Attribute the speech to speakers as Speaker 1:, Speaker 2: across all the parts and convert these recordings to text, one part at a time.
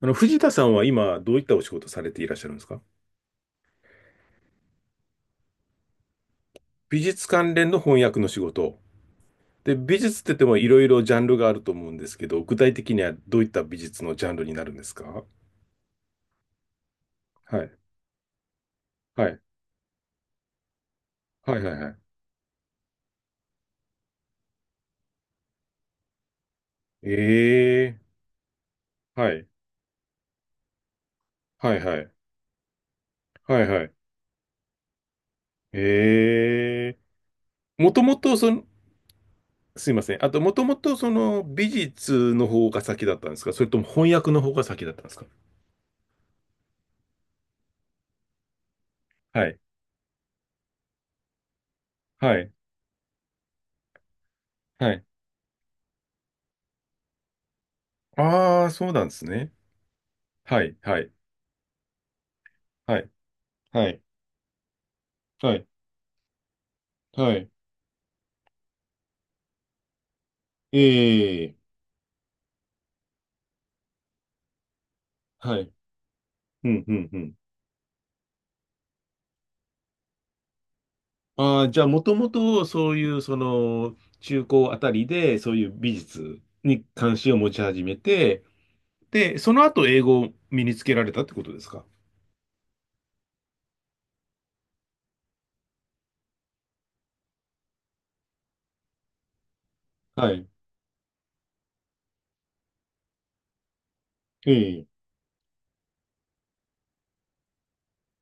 Speaker 1: 藤田さんは今、どういったお仕事されていらっしゃるんですか？美術関連の翻訳の仕事。で、美術って言ってもいろいろジャンルがあると思うんですけど、具体的にはどういった美術のジャンルになるんですか？はい。はい。はいはいはい。ええ。はい。はいはい。はいはい。ええ。もともとその、すいません。あと、もともとその美術の方が先だったんですか、それとも翻訳の方が先だったんですか？はい。はい。はい。ああ、そうなんですね。はい。はい。はい。はいはい。はい。ええ。はい。うん、うん、うん。ああ、じゃあ、もともと、そういう、その、中高あたりで、そういう美術に関心を持ち始めて、で、その後、英語を身につけられたってことですか？はい。ええ。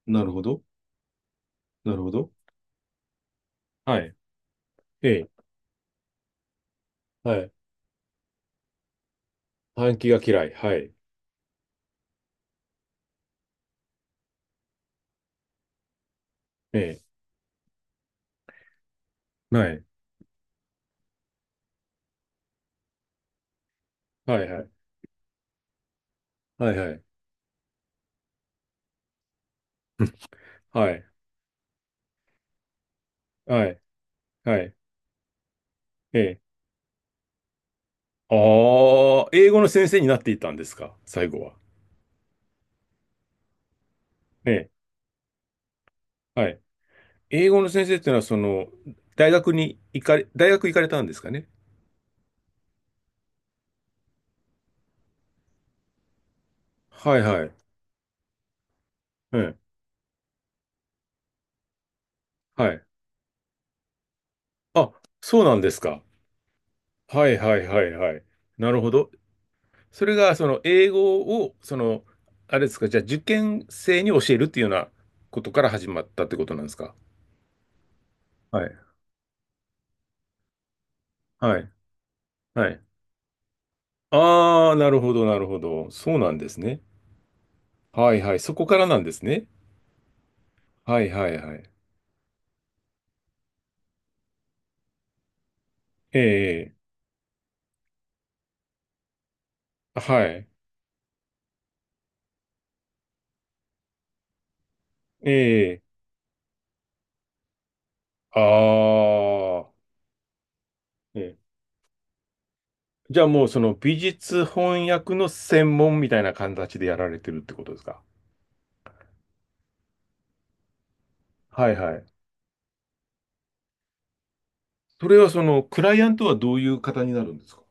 Speaker 1: なるほど。なるほど。はい。ええ。はい。暗記が嫌い。はい。ええ。はい。はい、はい。はい、はい。はい。はい。はい。ええ。ああ、英語の先生になっていたんですか、最後は。ええ。はい。英語の先生っていうのは、その、大学に行かれ、大学行かれたんですかね。はいはい。うん。はい。あ、そうなんですか。はいはいはいはい。なるほど。それが、その、英語を、その、あれですか、じゃあ、受験生に教えるっていうようなことから始まったってことなんですか。はい。はい。はい。ああ、なるほど、なるほど。そうなんですね。はいはい。そこからなんですね。はいはいはい。ええ、はい。ええ。ああ。ええ。じゃあもうその美術翻訳の専門みたいな形でやられてるってことですか？はいはい。それはそのクライアントはどういう方になるんですか？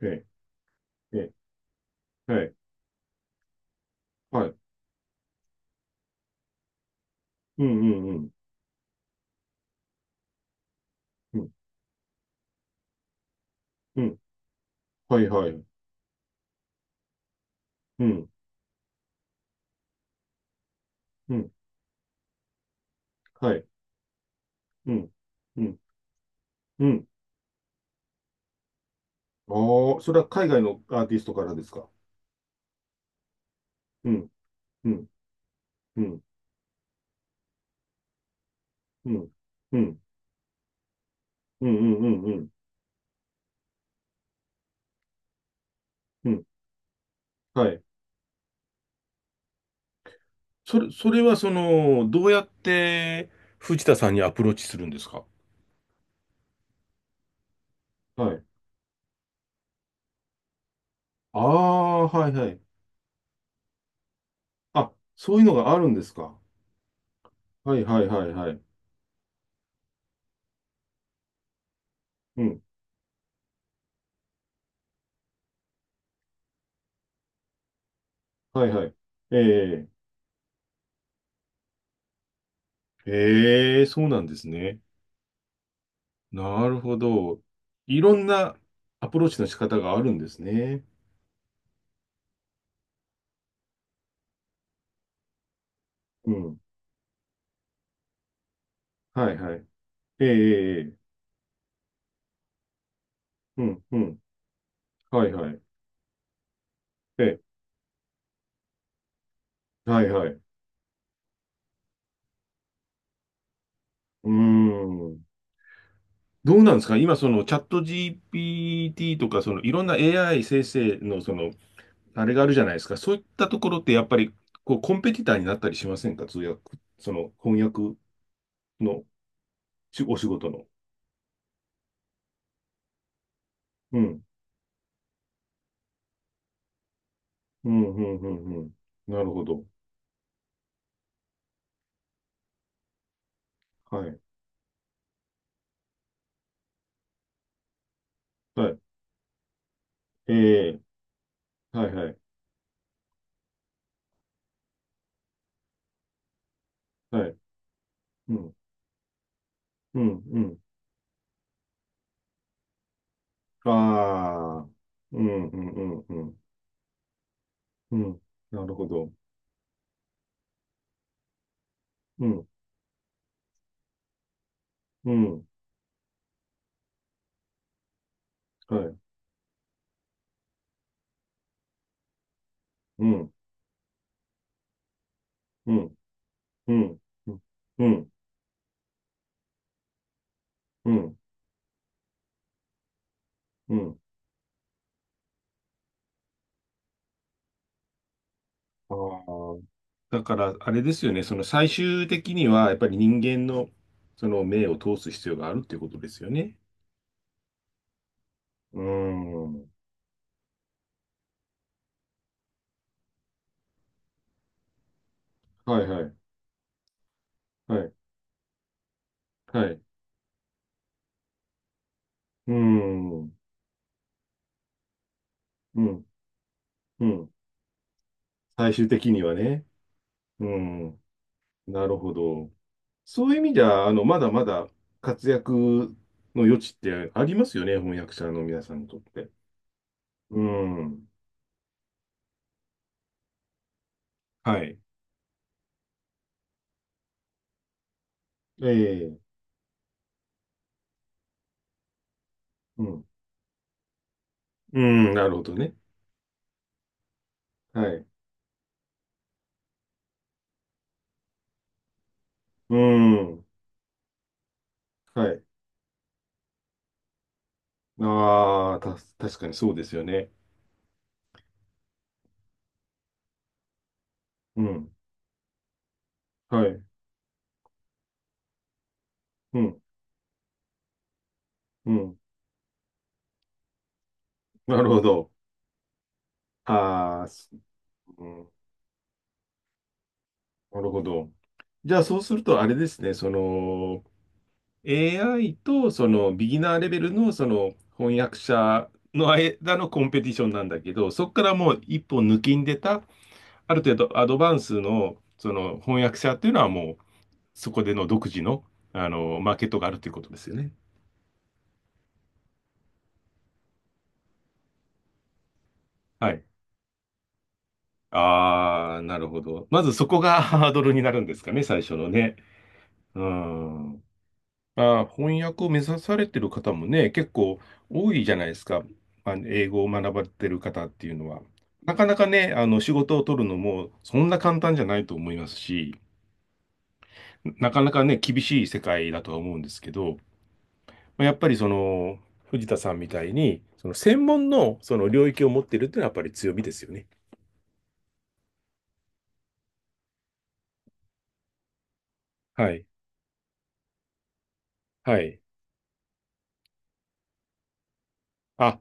Speaker 1: ええ、ええ、はい、はい。うんうんうん。うん、うん。はいはい。うん、うん。はい。うん、うん、うん。ああ、それは海外のアーティストからですか？うん、うん、うん、うん、うん、うん、うん、うん、うん。うん。はい。それはその、どうやって藤田さんにアプローチするんですか？はい。ああ、はいはい。あ、そういうのがあるんですか。はいはいはいはい。うん。はいはい。ええ、ええ、そうなんですね。なるほど。いろんなアプローチの仕方があるんですね。うん。はいはい。ええ、ええ。うん、うん。はいはい。ええ、はいはい。うーん。どうなんですか今、そのチャット GPT とか、そのいろんな AI 生成のそのあれがあるじゃないですか。そういったところってやっぱりこうコンペティターになったりしませんか？通訳、その翻訳のしお仕事の。うん。うん、うん、うん、うん。なるほど。はい。はい。ええ。はい、はい。はい。うん、うん、うん。ああ。うん、うん、うん、うん。うん。なるほど。うん、うん。はい。うん、うん、うん、うん、うん、うん。うん。ああ。だから、あれですよね、その最終的には、やっぱり人間の、その目を通す必要があるっていうことですよね。うーん。はいはい。はい。はい。うーん。うん。うん。最終的にはね。うん。なるほど。そういう意味では、まだまだ活躍の余地ってありますよね、翻訳者の皆さんにとって。うん。はい。ええ。うん。うん、なるほどね。はい。うん。はい。ああ、確かにそうですよね。うん。はい。うん。うん。なるほど。ああ、うん。なるほど。じゃあ、そうすると、あれですね、その、AI と、その、ビギナーレベルの、その、翻訳者の間のコンペティションなんだけど、そこからもう一歩抜きんでた、ある程度アドバンスの、その、翻訳者っていうのはもう、そこでの独自の、マーケットがあるということですよね。はい。ああ、なるほど。まずそこが ハードルになるんですかね、最初のね。うん。翻訳を目指されてる方もね、結構多いじゃないですか。英語を学ばれてる方っていうのは。なかなかね、仕事を取るのもそんな簡単じゃないと思いますし、なかなかね、厳しい世界だとは思うんですけど、まあやっぱりその、藤田さんみたいに、その専門のその領域を持っているっていうのはやっぱり強みですよね。はい。はい。あ、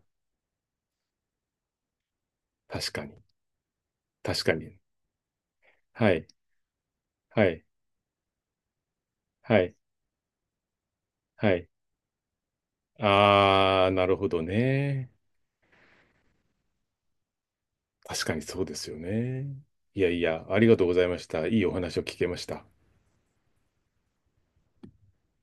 Speaker 1: 確かに。確かに。はい。はい、はい、はい。あー、なるほどね。確かにそうですよね。いやいや、ありがとうございました。いいお話を聞けました。